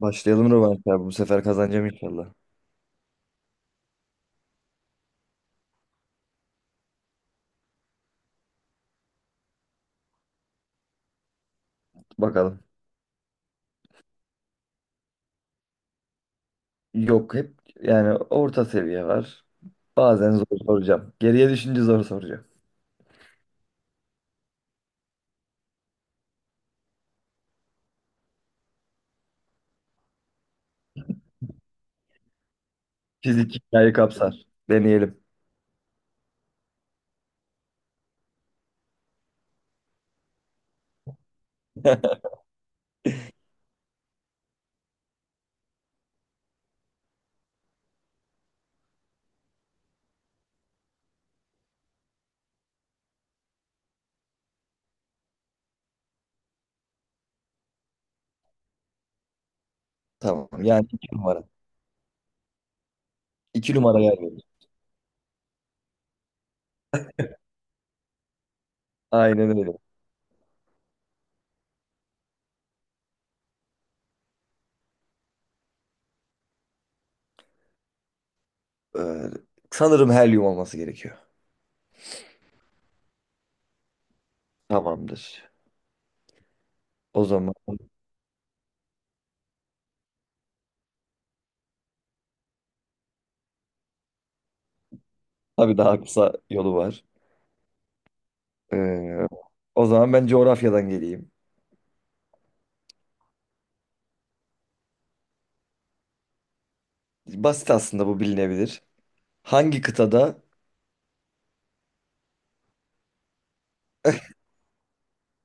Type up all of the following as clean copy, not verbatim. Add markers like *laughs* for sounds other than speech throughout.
Başlayalım Rövanş abi. Bu sefer kazanacağım inşallah. Bakalım. Yok hep yani orta seviye var. Bazen zor soracağım. Geriye düşünce zor soracağım. Fizik hikayeyi kapsar. Deneyelim. *laughs* Tamam. Yani iki numara. İki numara yer verir. Aynen öyle. Ee, sanırım helyum olması gerekiyor. Tamamdır. O zaman tabii daha kısa yolu var. Ee, O zaman ben coğrafyadan geleyim. Basit aslında bu bilinebilir. Hangi kıtada *laughs*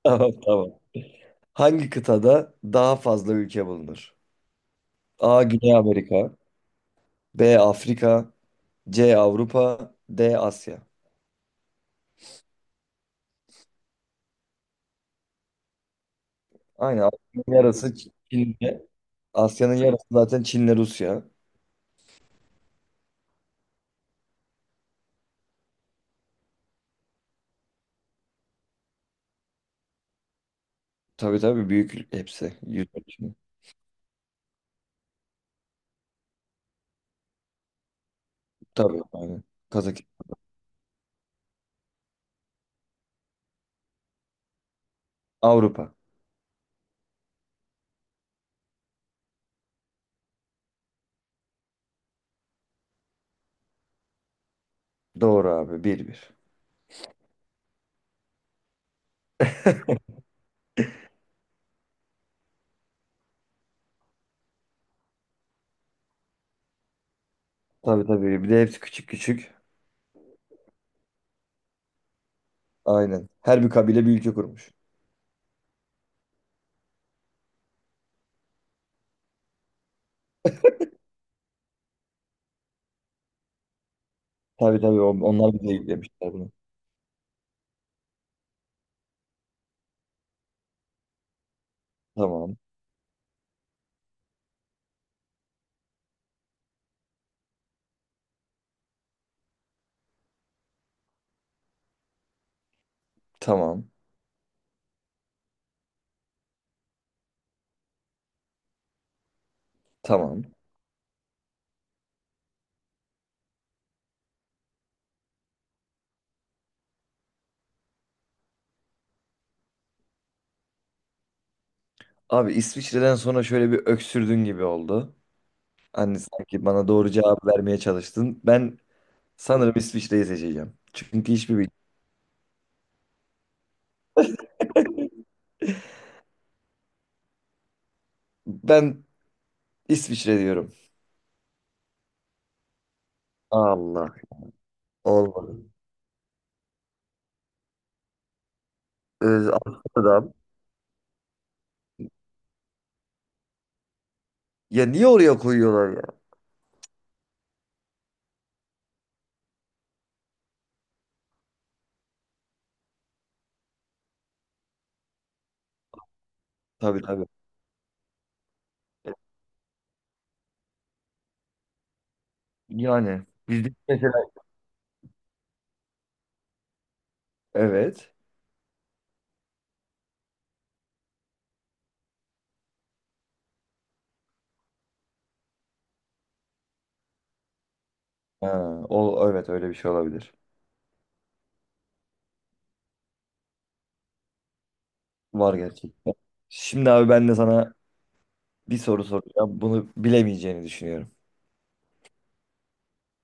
Tamam, tamam. Hangi kıtada daha fazla ülke bulunur? A. Güney Amerika, B. Afrika, C. Avrupa, D. Asya. Aynen, Asya'nın yarısı Çin'de. Asya'nın yarısı zaten Çin'le Rusya. Tabii tabii, büyük hepsi. Yüz ölçümü. Tabii aynen. Kazakistan. Avrupa. Doğru abi. Bir bir. Tabii tabii. Bir de hepsi küçük küçük. Aynen. Her bir kabile bir ülke kurmuş. Tabii tabii. Onlar bize yüklemişler bunu. Tamam. Tamam. Tamam. Abi İsviçre'den sonra şöyle bir öksürdün gibi oldu. Hani sanki bana doğru cevap vermeye çalıştın. Ben sanırım İsviçre'yi seçeceğim. Çünkü hiçbir bilgim. *laughs* Ben İsviçre diyorum. Allah. Olmadı. Amsterdam. Ya niye oraya koyuyorlar ya? Tabii tabii. Yani bizde mesela evet. Ha, o evet, öyle bir şey olabilir. Var gerçekten. Şimdi abi ben de sana bir soru soracağım. Bunu bilemeyeceğini düşünüyorum.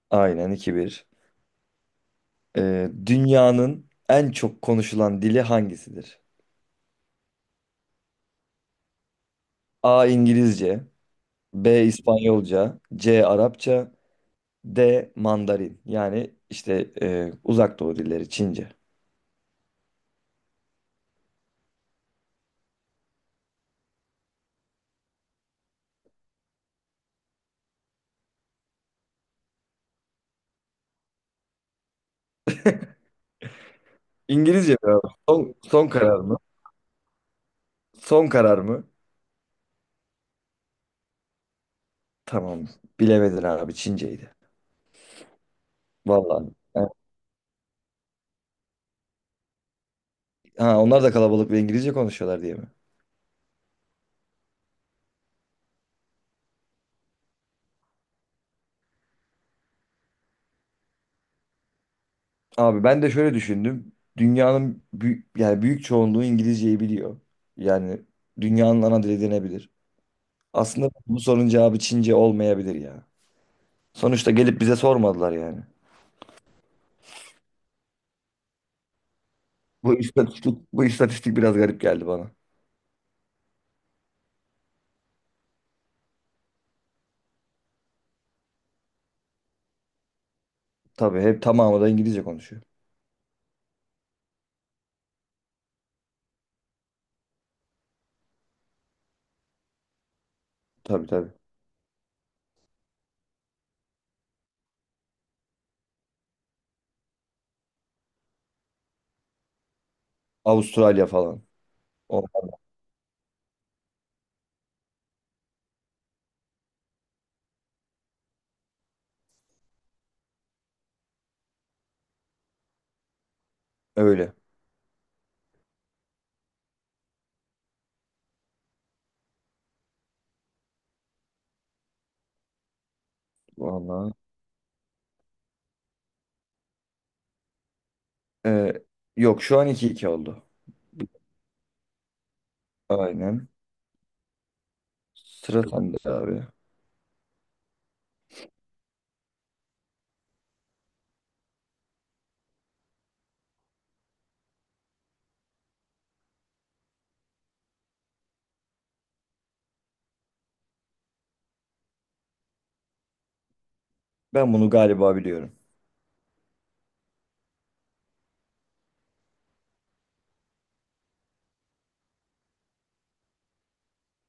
Aynen, iki bir. Dünyanın en çok konuşulan dili hangisidir? A. İngilizce, B. İspanyolca, C. Arapça, D. Mandarin. Yani işte uzak doğu dilleri Çince. İngilizce mi abi? Son karar mı? Son karar mı? Tamam. Bilemedin abi, Çinceydi. Vallahi. Yani, ha, onlar da kalabalık ve İngilizce konuşuyorlar diye mi? Abi ben de şöyle düşündüm. Dünyanın büyük, yani büyük çoğunluğu İngilizceyi biliyor. Yani dünyanın ana dili denebilir. Aslında bu sorunun cevabı Çince olmayabilir ya. Sonuçta gelip bize sormadılar yani. Bu istatistik biraz garip geldi bana. Tabii hep tamamı da İngilizce konuşuyor. Tabii tabii. Avustralya falan. O, öyle. Vallahi. Ee, Yok, şu an iki iki oldu. Aynen. Sıra sende abi. Ben bunu galiba biliyorum.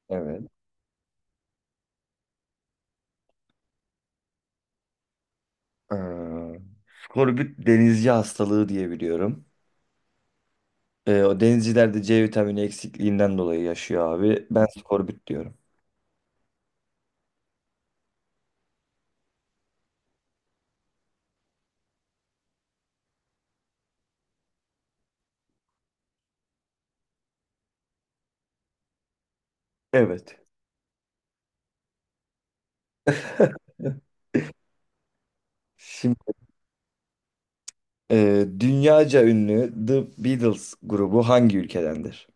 Evet. Ee, Skorbut denizci hastalığı diye biliyorum. O denizcilerde C vitamini eksikliğinden dolayı yaşıyor abi. Ben skorbut diyorum. Evet. *laughs* Şimdi dünyaca ünlü The Beatles grubu hangi ülkedendir?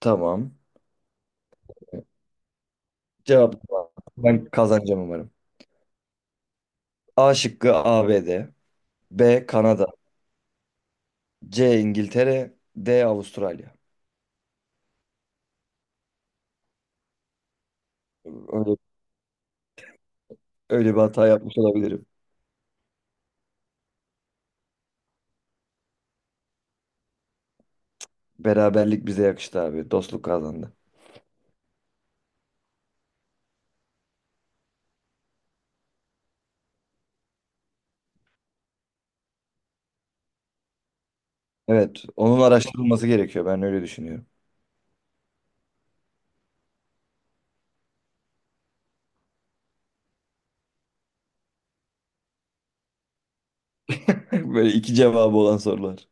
Tamam. Cevap, ben kazanacağım umarım. A şıkkı ABD, B D, B Kanada, C İngiltere, D Avustralya. Öyle, öyle bir hata yapmış olabilirim. Beraberlik bize yakıştı abi. Dostluk kazandı. Evet, onun araştırılması gerekiyor. Ben öyle düşünüyorum. *laughs* Böyle iki cevabı olan sorular.